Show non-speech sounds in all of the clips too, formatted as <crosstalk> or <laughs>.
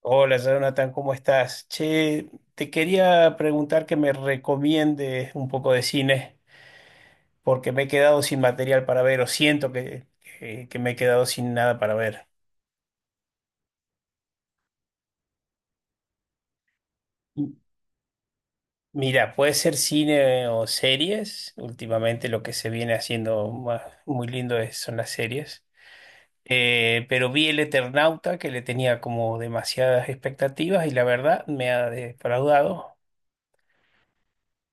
Hola, Jonathan, ¿cómo estás? Che, te quería preguntar que me recomiendes un poco de cine, porque me he quedado sin material para ver, o siento que, que me he quedado sin nada para ver. M- Mira, puede ser cine o series. Últimamente lo que se viene haciendo más, muy lindo son las series. Pero vi El Eternauta, que le tenía como demasiadas expectativas y la verdad me ha defraudado.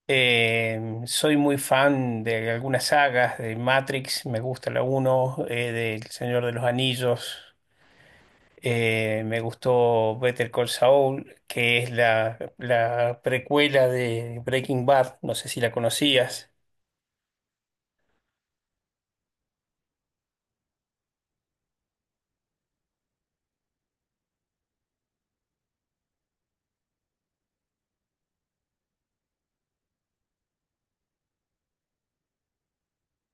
Soy muy fan de algunas sagas, de Matrix, me gusta la uno del Señor de los Anillos, me gustó Better Call Saul, que es la precuela de Breaking Bad, no sé si la conocías.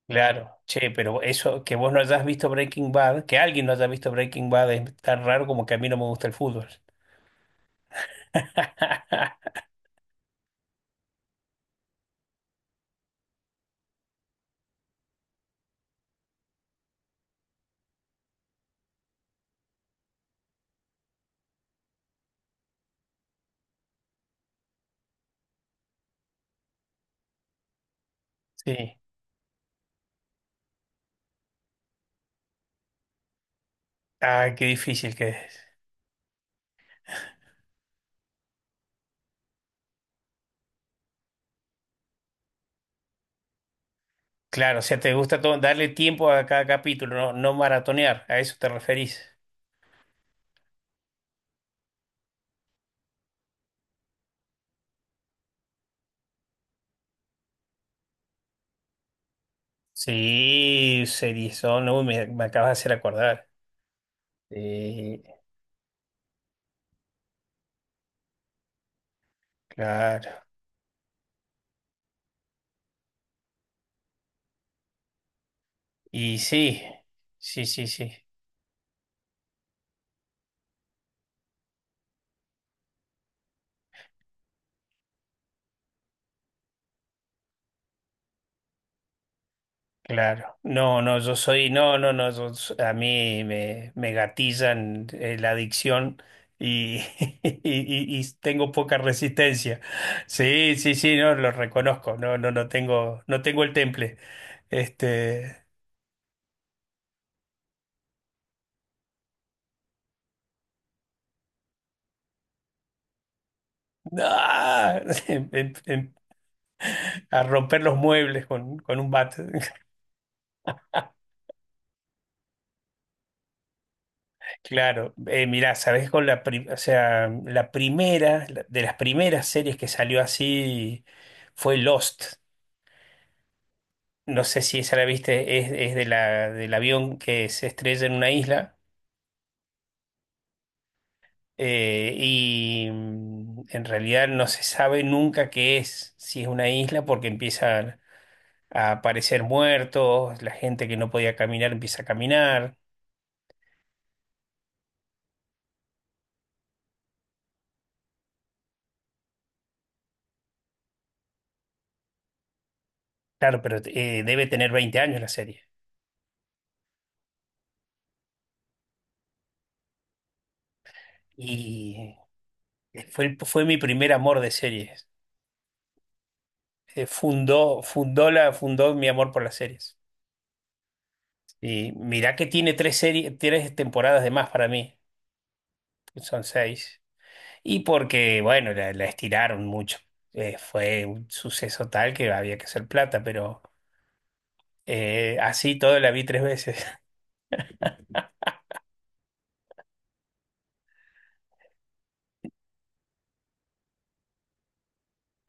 Claro. Claro, che, pero eso, que vos no hayas visto Breaking Bad, que alguien no haya visto Breaking Bad es tan raro como que a mí no me gusta el fútbol. <laughs> Sí, ah, qué difícil que es. Claro, o sea, te gusta darle tiempo a cada capítulo, no, no maratonear, a eso te referís. Sí, Seriezón, uy, me acabas de hacer acordar. Sí, claro. Y sí, sí, sí, sí, claro. No, no, yo soy, no, no, no, a mí me gatillan la adicción y, <laughs> y tengo poca resistencia. Sí, sí, sí, no, lo reconozco, no, no, no tengo, no tengo el temple. Este. Ah, <laughs> en- en- en- a romper los muebles con un bate. <laughs> Claro, mirá, sabes o sea, la primera, de las primeras series que salió así fue Lost. No sé si esa la viste, es de la, del avión que se estrella en una isla y en realidad no se sabe nunca qué es, si es una isla, porque empiezan a aparecer muertos, la gente que no podía caminar empieza a caminar. Claro, pero debe tener 20 años la serie. Y fue mi primer amor de series. Fundó, fundó mi amor por las series. Y mirá que tiene tres series, tres temporadas de más para mí. Son seis. Porque, bueno, la estiraron mucho. Fue un suceso tal que había que hacer plata, pero así todo la vi tres veces. <laughs>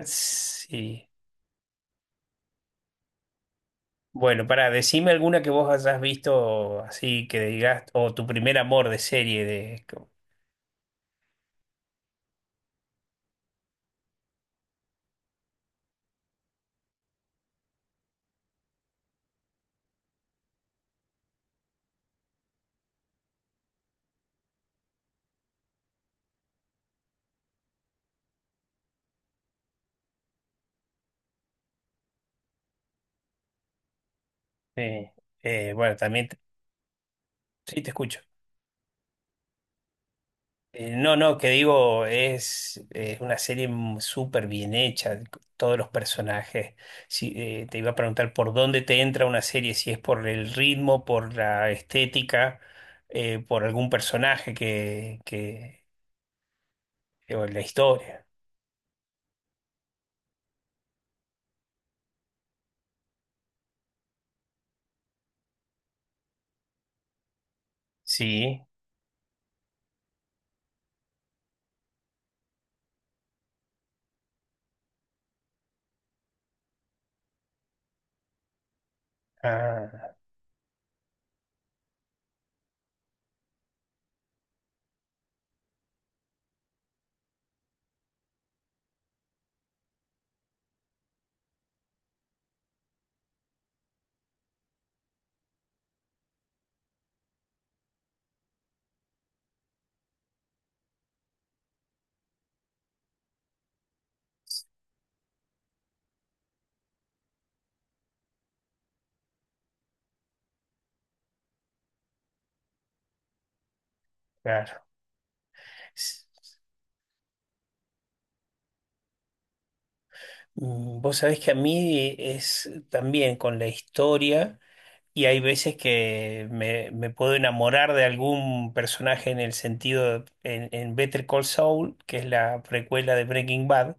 Sí. Bueno, para decime alguna que vos hayas visto así que digas, o tu primer amor de serie de. Sí. Bueno, también, sí, te escucho. No, no, que digo, es una serie súper bien hecha, todos los personajes. Si te iba a preguntar por dónde te entra una serie, si es por el ritmo, por la estética, por algún personaje o la historia. Sí, ah, claro. S- Vos sabés que a mí es también con la historia. Y hay veces que me puedo enamorar de algún personaje en el sentido, en Better Call Saul, que es la precuela de Breaking Bad,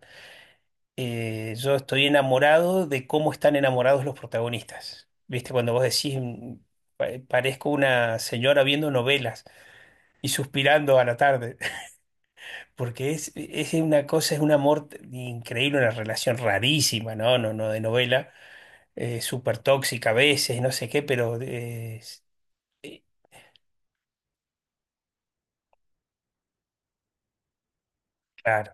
yo estoy enamorado de cómo están enamorados los protagonistas. ¿Viste? Cuando vos decís, parezco una señora viendo novelas y suspirando a la tarde, <laughs> porque es una cosa, es un amor increíble, una relación rarísima, ¿no? No, no de novela, súper tóxica a veces, no sé qué, pero eh, claro.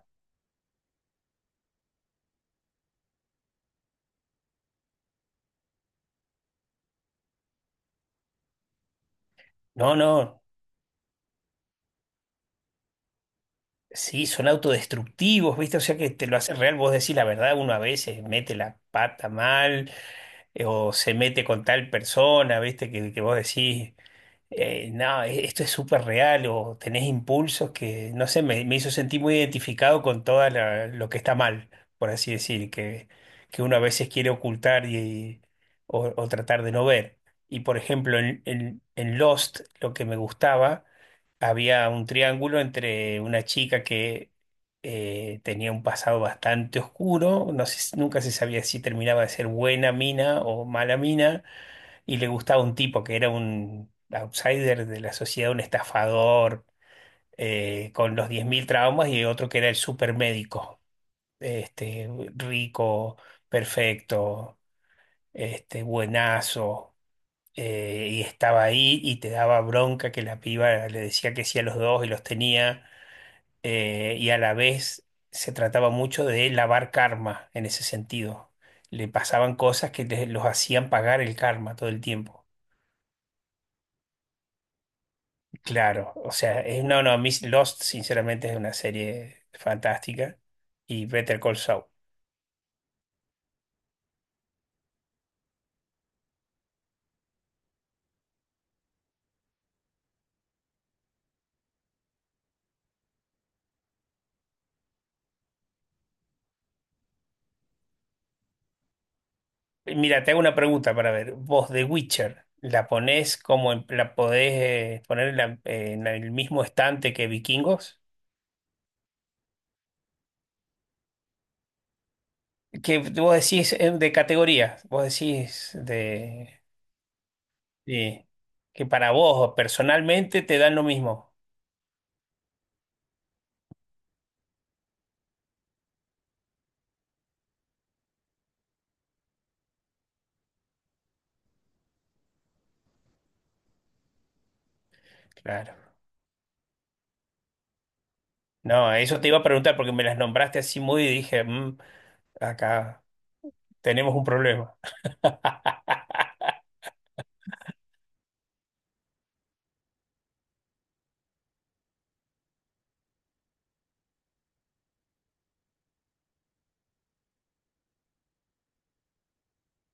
No, no, sí, son autodestructivos, ¿viste? O sea que te lo hace real, vos decís la verdad, uno a veces mete la pata mal o se mete con tal persona, ¿viste? Que vos decís, no, esto es súper real o tenés impulsos que, no sé, me hizo sentir muy identificado con todo lo que está mal, por así decir, que uno a veces quiere ocultar y, o tratar de no ver. Y por ejemplo, en Lost, lo que me gustaba había un triángulo entre una chica que tenía un pasado bastante oscuro, nunca se sabía si terminaba de ser buena mina o mala mina, y le gustaba un tipo que era un outsider de la sociedad, un estafador con los 10.000 traumas, y otro que era el supermédico, este, rico, perfecto, este, buenazo, y estaba ahí y te daba bronca que la piba le decía que sí a los dos y los tenía y a la vez se trataba mucho de lavar karma en ese sentido. Le pasaban cosas que los hacían pagar el karma todo el tiempo. Claro, o sea, no, no, a mí Lost sinceramente es una serie fantástica y Better Call Saul. Mira, te hago una pregunta para ver. Vos, The Witcher, ¿la ponés como la podés poner en, en el mismo estante que Vikingos? Que vos decís de categoría, vos decís de... Sí, que para vos personalmente te dan lo mismo. Claro. No, eso te iba a preguntar porque me las nombraste así muy y dije, "Mm, acá tenemos un problema".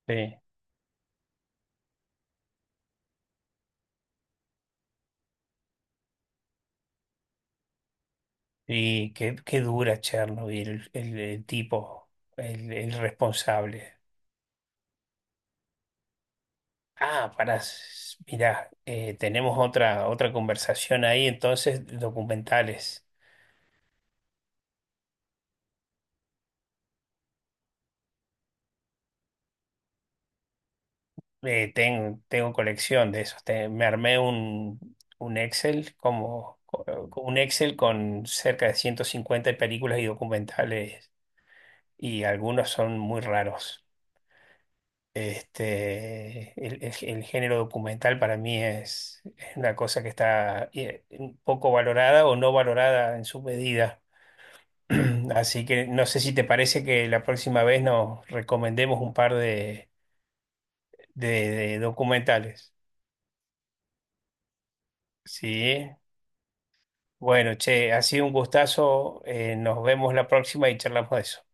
Sí. Y qué dura Chernobyl, el tipo, el responsable. Ah, pará, mirá, tenemos otra, otra conversación ahí, entonces, documentales. Tengo colección de esos. Me armé un Excel un Excel con cerca de 150 películas y documentales y algunos son muy raros. Este, el género documental para mí es una cosa que está un poco valorada o no valorada en su medida. <clears throat> Así que no sé si te parece que la próxima vez nos recomendemos un par de, de documentales. Sí. Bueno, che, ha sido un gustazo. Nos vemos la próxima y charlamos de eso.